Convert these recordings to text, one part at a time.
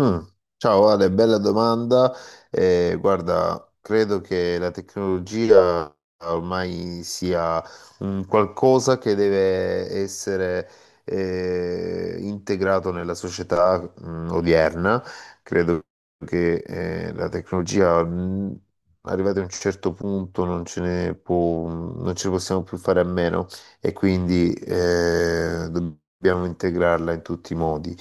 Mm. Ciao Ale, bella domanda. Guarda, credo che la tecnologia ormai sia un qualcosa che deve essere integrato nella società odierna. Credo che la tecnologia, arrivata a un certo punto, non ce ne possiamo più fare a meno e quindi dobbiamo integrarla in tutti i modi.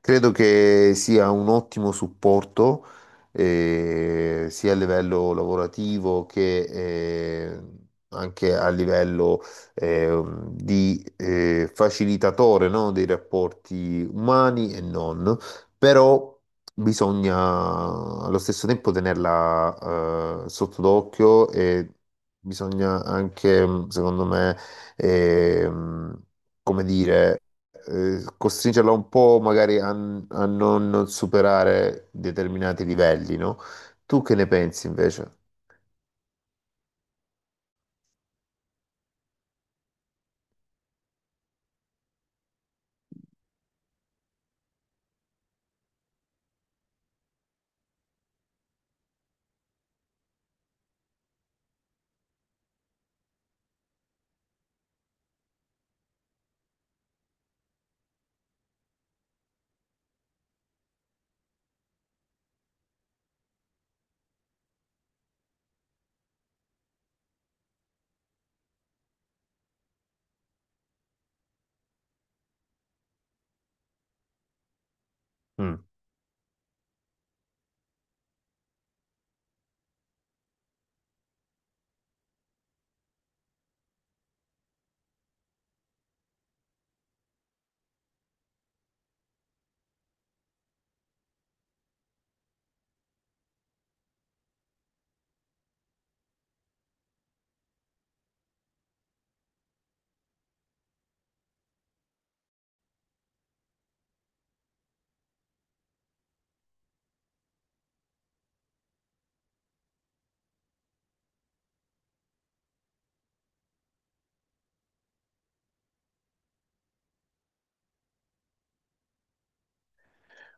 Credo che sia un ottimo supporto, sia a livello lavorativo che eh, anche a livello eh, di facilitatore, no, dei rapporti umani e non, però bisogna allo stesso tempo tenerla sotto d'occhio e bisogna anche, secondo me, ehm, come dire, costringerla un po' magari a non superare determinati livelli, no? Tu che ne pensi invece? Mm.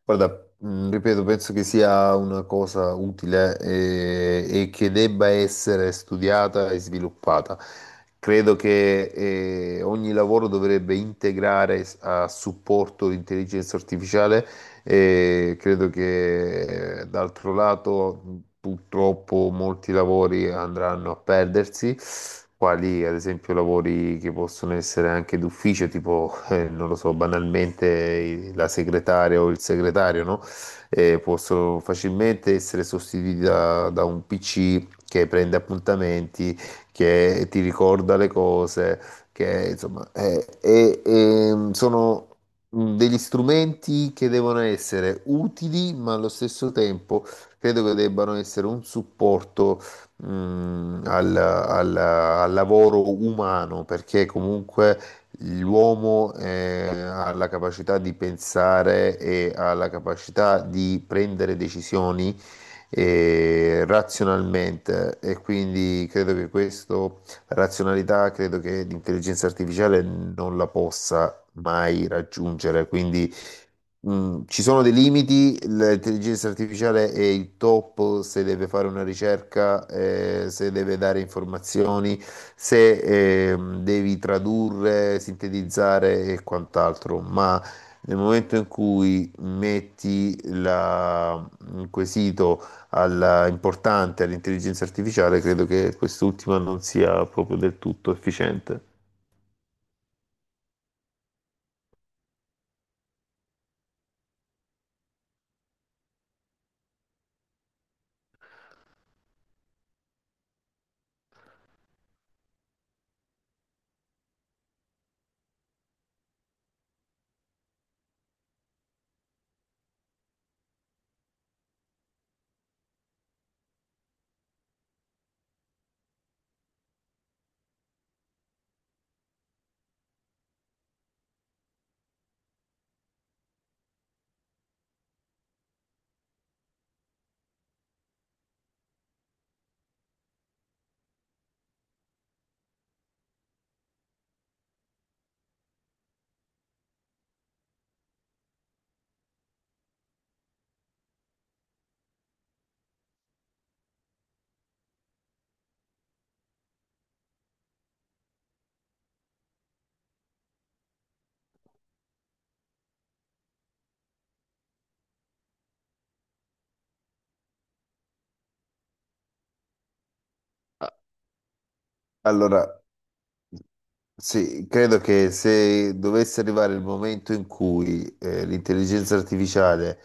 Guarda, mm, ripeto, penso che sia una cosa utile, che debba essere studiata e sviluppata. Credo che ogni lavoro dovrebbe integrare a supporto l'intelligenza artificiale e credo che d'altro lato purtroppo molti lavori andranno a perdersi, quali ad esempio lavori che possono essere anche d'ufficio, tipo, non lo so, banalmente la segretaria o il segretario, no? Possono facilmente essere sostituiti da un PC che prende appuntamenti, che ti ricorda le cose, che insomma, sono degli strumenti che devono essere utili, ma allo stesso tempo credo che debbano essere un supporto al lavoro umano, perché comunque l'uomo, ha la capacità di pensare e ha la capacità di prendere decisioni e razionalmente e quindi credo che questo, la razionalità, credo che l'intelligenza artificiale non la possa mai raggiungere. Quindi mm, ci sono dei limiti. L'intelligenza artificiale è il top se deve fare una ricerca, se deve dare informazioni, se devi tradurre, sintetizzare e quant'altro, ma nel momento in cui un quesito importante all'intelligenza artificiale, credo che quest'ultima non sia proprio del tutto efficiente. Ah, allora. Sì, credo che se dovesse arrivare il momento in cui l'intelligenza artificiale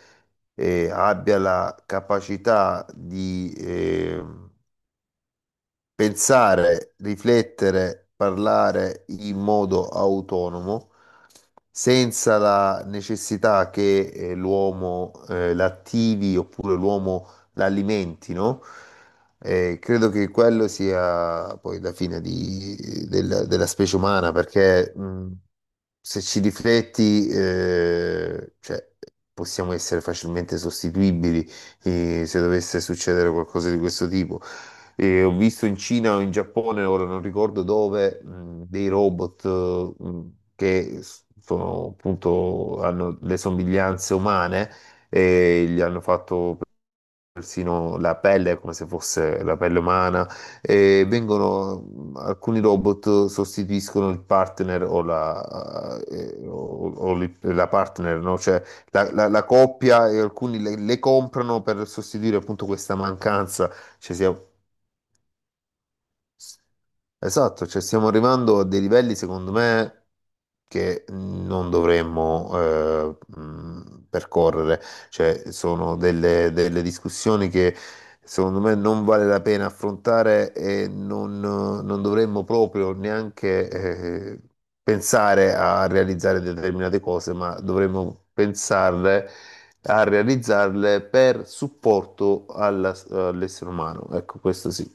abbia la capacità di, pensare, riflettere, parlare in modo autonomo, senza la necessità che l'uomo l'attivi oppure l'uomo l'alimenti, no? Credo che quello sia poi la della, della specie umana, perché se ci rifletti, cioè, possiamo essere facilmente sostituibili se dovesse succedere qualcosa di questo tipo. E ho visto in Cina o in Giappone, ora non ricordo dove, dei robot appunto, hanno le somiglianze umane e gli hanno fatto persino la pelle come se fosse la pelle umana e vengono, alcuni robot sostituiscono il partner o la, la partner, no? Cioè la, la coppia e alcuni le comprano per sostituire appunto questa mancanza. Cioè, sia- Esatto, cioè stiamo arrivando a dei livelli, secondo me, che non dovremmo percorrere. Cioè, sono delle discussioni che secondo me non vale la pena affrontare e non dovremmo proprio neanche pensare a realizzare determinate cose, ma dovremmo pensarle a realizzarle per supporto all'essere umano. Ecco, questo sì.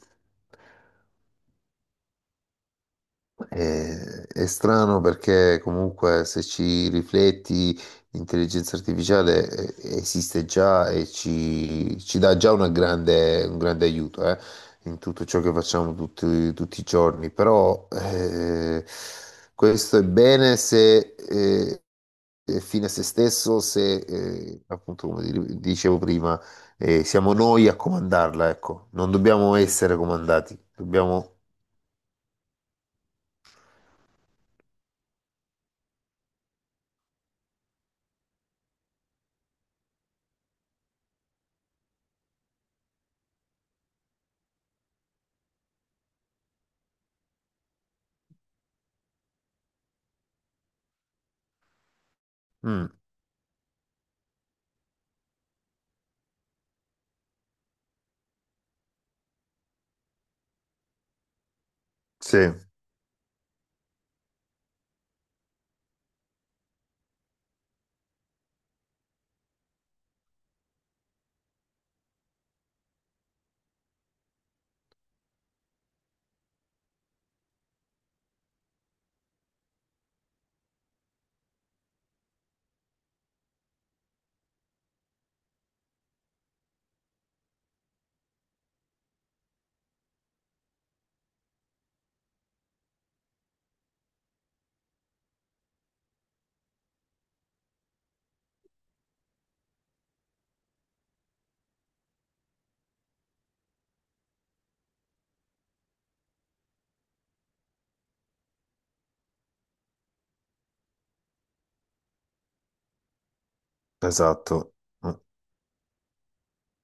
È strano perché comunque se ci rifletti, l'intelligenza artificiale esiste già e ci dà già una un grande aiuto, in tutto ciò che facciamo tutti i giorni. Però questo è bene se è fine a se stesso, se appunto come dicevo prima, siamo noi a comandarla, ecco, non dobbiamo essere comandati, dobbiamo... Mm, sì. Esatto.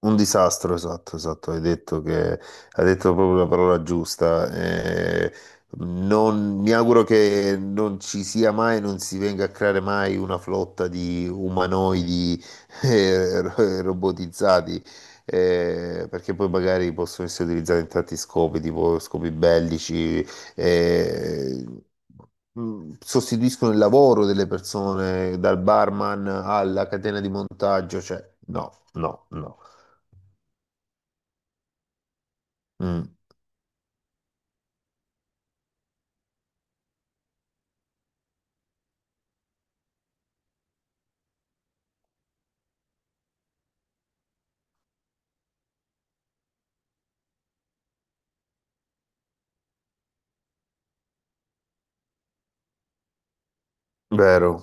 Un disastro, esatto, esatto, hai detto che hai detto proprio la parola giusta. Mi auguro che non ci sia mai, non si venga a creare mai una flotta di umanoidi robotizzati, perché poi magari possono essere utilizzati in tanti scopi, tipo scopi bellici, eh, sostituiscono il lavoro delle persone, dal barman alla catena di montaggio, cioè no, no, no. Mm, vero,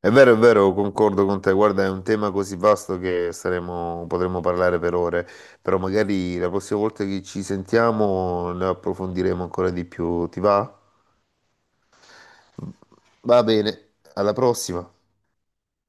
è vero, è vero, concordo con te. Guarda, è un tema così vasto che saremo, potremmo parlare per ore, però magari la prossima volta che ci sentiamo ne approfondiremo ancora di più. Ti va? Va bene, alla prossima.